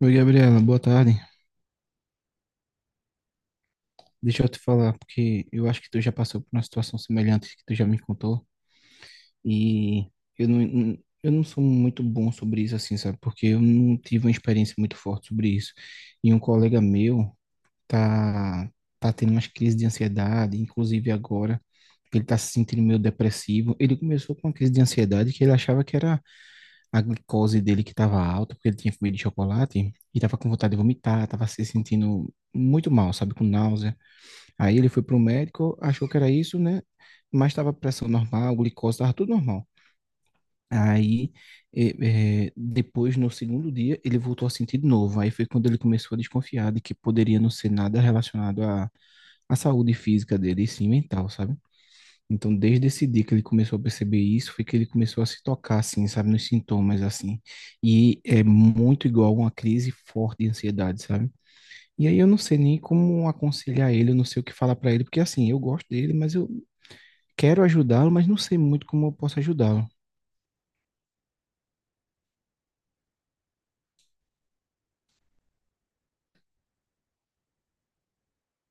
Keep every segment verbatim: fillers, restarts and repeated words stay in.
Oi, Gabriela, boa tarde. Deixa eu te falar, porque eu acho que tu já passou por uma situação semelhante que tu já me contou, e eu não, eu não sou muito bom sobre isso, assim, sabe? Porque eu não tive uma experiência muito forte sobre isso. E um colega meu tá, tá tendo umas crises de ansiedade, inclusive agora, ele tá se sentindo meio depressivo. Ele começou com uma crise de ansiedade que ele achava que era a glicose dele que estava alta, porque ele tinha comido chocolate, e tava com vontade de vomitar, tava se sentindo muito mal, sabe? Com náusea. Aí ele foi pro médico, achou que era isso, né? Mas estava pressão normal, glicose, estava tudo normal. Aí, eh, eh, depois, no segundo dia, ele voltou a sentir de novo. Aí foi quando ele começou a desconfiar de que poderia não ser nada relacionado à, à saúde física dele, e sim mental, sabe? Então, desde esse dia que ele começou a perceber isso, foi que ele começou a se tocar, assim, sabe? Nos sintomas, assim. E é muito igual a uma crise forte de ansiedade, sabe? E aí eu não sei nem como aconselhar ele, eu não sei o que falar pra ele, porque assim, eu gosto dele, mas eu quero ajudá-lo, mas não sei muito como eu posso ajudá-lo.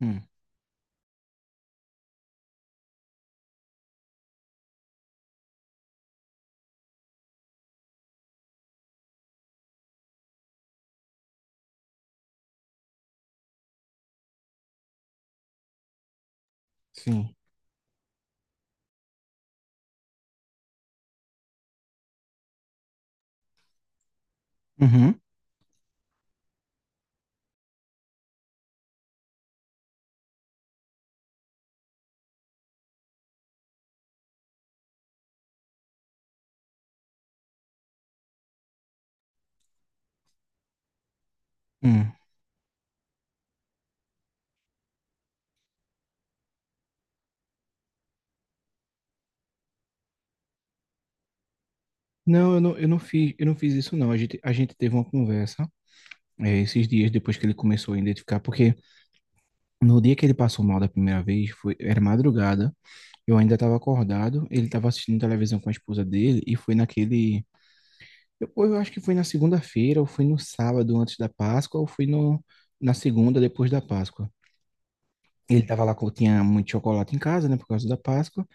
Hum. Sim. Uhum. Hum. Não, eu não, eu não fiz, eu não fiz isso não. A gente, a gente teve uma conversa é, esses dias depois que ele começou a identificar, porque no dia que ele passou mal da primeira vez, foi, era madrugada, eu ainda estava acordado, ele estava assistindo televisão com a esposa dele e foi naquele, eu, eu acho que foi na segunda-feira, ou foi no sábado antes da Páscoa, ou foi no, na segunda depois da Páscoa. Ele tava lá, com- tinha muito chocolate em casa, né, por causa da Páscoa,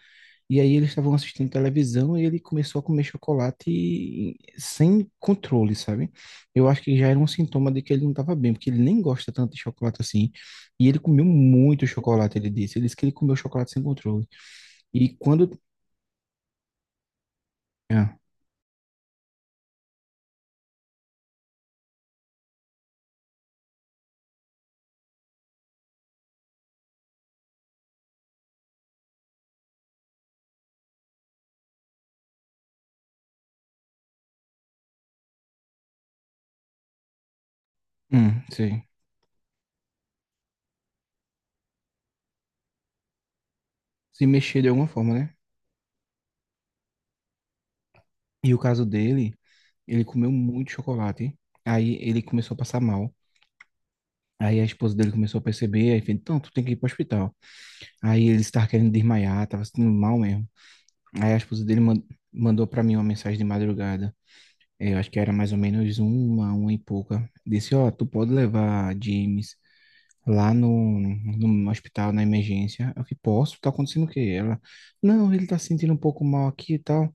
e aí eles estavam assistindo televisão e ele começou a comer chocolate sem controle, sabe? Eu acho que já era um sintoma de que ele não tava bem, porque ele nem gosta tanto de chocolate assim, e ele comeu muito chocolate, ele disse. Ele disse que ele comeu chocolate sem controle. E quando... Ah. Hum, sei. Se mexer de alguma forma, né? E o caso dele, ele comeu muito chocolate, aí ele começou a passar mal. Aí a esposa dele começou a perceber, aí fez, então, tu tem que ir para o hospital. Aí ele estava querendo desmaiar, estava se sentindo mal mesmo. Aí a esposa dele man- mandou para mim uma mensagem de madrugada. É, eu acho que era mais ou menos uma, uma e pouca. Disse, ó, tu pode levar James lá no, no hospital, na emergência. Eu falei, posso? Tá acontecendo o quê? Ela, não, ele tá se sentindo um pouco mal aqui e tal.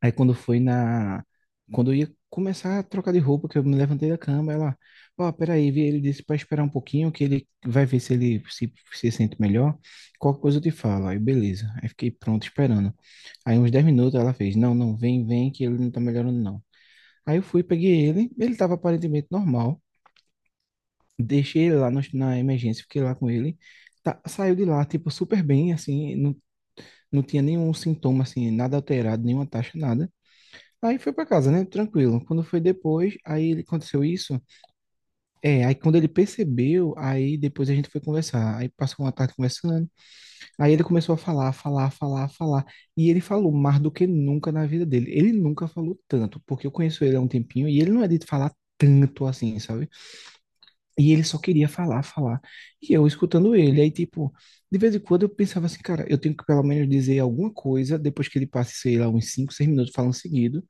Aí quando foi na. Quando eu ia começar a trocar de roupa, que eu me levantei da cama, ela. Ó, peraí, vi- ele disse pra esperar um pouquinho, que ele vai ver se ele se, se sente melhor. Qualquer coisa eu te falo. Aí, beleza. Aí fiquei pronto esperando. Aí uns dez minutos ela fez: Não, não, vem, vem, que ele não tá melhorando, não. Aí eu fui, peguei ele. Ele tava aparentemente normal. Deixei ele lá no- na emergência, fiquei lá com ele. Tá- saiu de lá, tipo, super bem, assim. Não, não tinha nenhum sintoma, assim, nada alterado, nenhuma taxa, nada. Aí foi pra casa, né? Tranquilo. Quando foi depois, aí ele- aconteceu isso. É, aí quando ele percebeu, aí depois a gente foi conversar. Aí passou uma tarde conversando. Aí ele começou a falar, falar, falar, falar. E ele falou mais do que nunca na vida dele. Ele nunca falou tanto, porque eu conheço ele há um tempinho e ele não é de falar tanto assim, sabe? E ele só queria falar, falar. E eu escutando ele. Aí, tipo, de vez em quando eu pensava assim, cara, eu tenho que pelo menos dizer alguma coisa depois que ele passe, sei lá, uns cinco, seis minutos falando seguido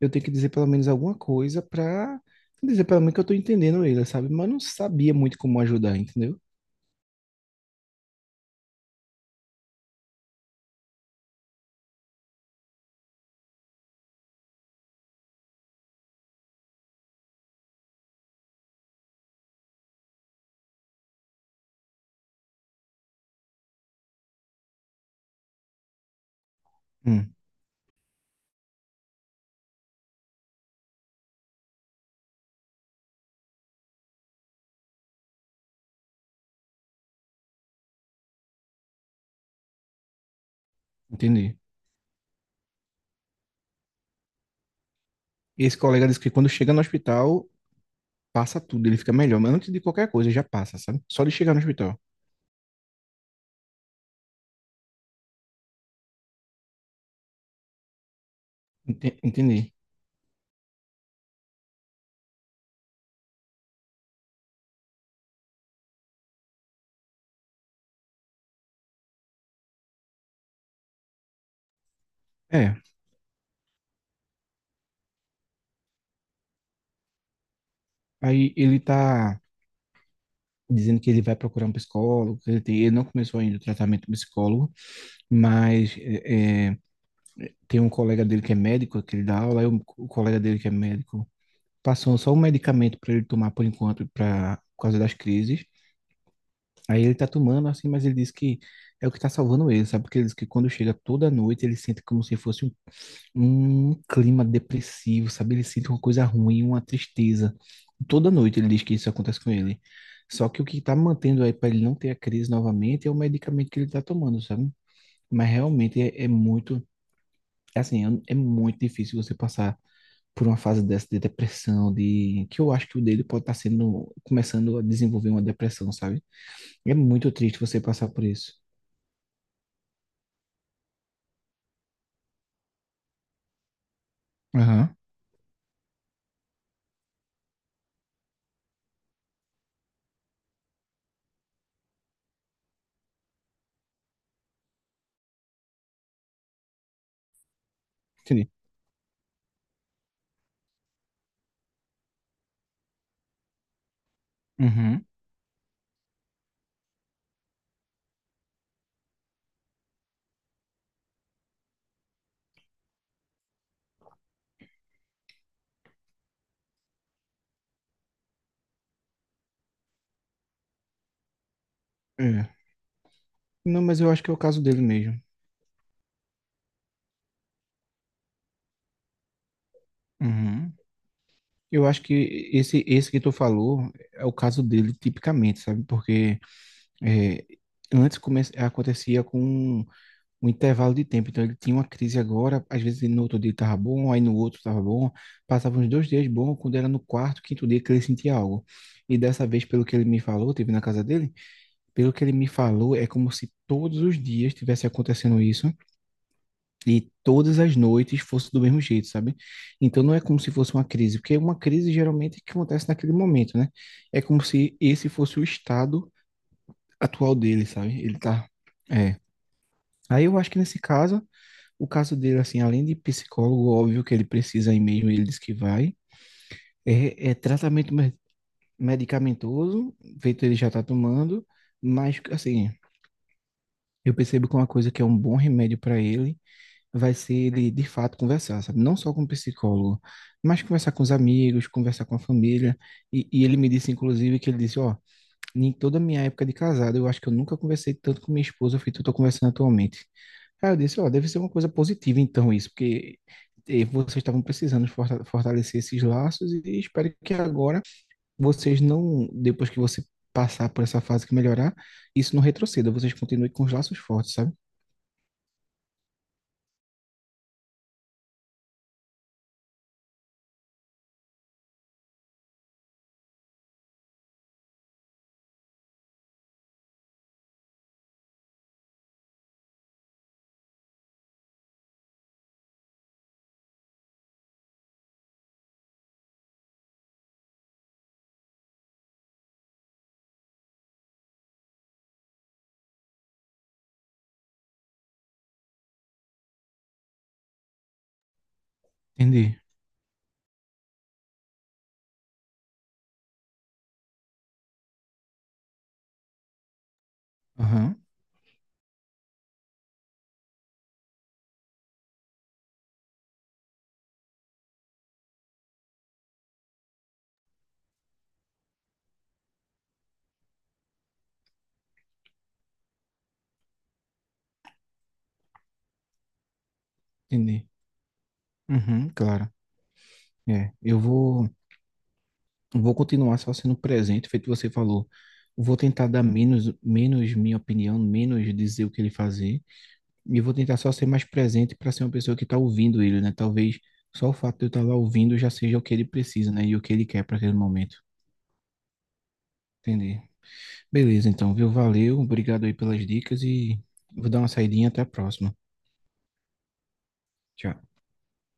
eu tenho que dizer pelo menos alguma coisa pra dizer pelo menos que eu tô entendendo ele, sabe? Mas eu não sabia muito como ajudar, entendeu? Hum, entendi. Esse colega disse que quando chega no hospital, passa tudo, ele fica melhor. Mas antes de qualquer coisa, já passa, sabe? Só de chegar no hospital. Ente- Entendi. É, aí ele tá dizendo que ele vai procurar um psicólogo, que ele, tem- ele não começou ainda o tratamento do psicólogo, mas é, é, tem um colega dele que é médico, que ele dá aula, aí o, o colega dele que é médico passou só um medicamento para ele tomar por enquanto, pra, por causa das crises. Aí ele tá tomando assim, mas ele diz que é o que tá salvando ele, sabe? Porque ele diz que quando chega toda noite ele sente como se fosse um, um clima depressivo, sabe? Ele sente uma coisa ruim, uma tristeza. Toda noite ele diz que isso acontece com ele. Só que o que tá mantendo aí para ele não ter a crise novamente é o medicamento que ele tá tomando, sabe? Mas realmente é, é muito, é assim, é é muito difícil você passar por uma fase dessa de depressão, de que eu acho que o dele pode estar sendo começando a desenvolver uma depressão, sabe? É muito triste você passar por isso. Aham. Entendi. Uhum. É. Não, mas eu acho que é o caso dele mesmo. Uhum. Eu acho que esse esse que tu falou é o caso dele tipicamente, sabe? Porque é, antes come- acontecia com um intervalo de tempo. Então ele tinha uma crise agora, às vezes no outro dia estava bom, aí no outro estava bom, passava uns dois dias bom, quando era no quarto, quinto dia que ele sentia algo. E dessa vez, pelo que ele me falou, teve na casa dele, pelo que ele me falou, é como se todos os dias estivesse acontecendo isso e todas as noites fosse do mesmo jeito, sabe? Então não é como se fosse uma crise, porque uma crise geralmente é que acontece naquele momento, né? É como se esse fosse o estado atual dele, sabe? Ele tá, é. Aí eu acho que nesse caso o caso dele, assim, além de psicólogo, óbvio que ele precisa aí mesmo, ele diz que vai. É, é tratamento me- medicamentoso, feito ele já está tomando, mas, assim, eu percebo que uma coisa que é um bom remédio para ele vai ser ele, de fato, conversar, sabe? Não só com o psicólogo, mas conversar com os amigos, conversar com a família. E, e ele me disse, inclusive, que ele disse, ó, em toda a minha época de casado, eu acho que eu nunca conversei tanto com minha esposa feito que eu tô conversando atualmente. Aí eu disse, ó, deve ser uma coisa positiva então isso, porque eh, vocês estavam precisando forta- fortalecer esses laços e espero que agora vocês não, depois que você passar por essa fase que melhorar, isso não retroceda, vocês continuem com os laços fortes, sabe? Entendi. Aham, entendi. Uhum, claro. É, eu vou Vou continuar só sendo presente, feito que você falou. Vou tentar dar menos, menos minha opinião, menos dizer o que ele fazer, e vou tentar só ser mais presente para ser uma pessoa que está ouvindo ele, né? Talvez só o fato de eu estar lá ouvindo já seja o que ele precisa, né? E o que ele quer para aquele momento. Entendi. Beleza, então, viu? Valeu, obrigado aí pelas dicas e vou dar uma saidinha, até a próxima. Tchau.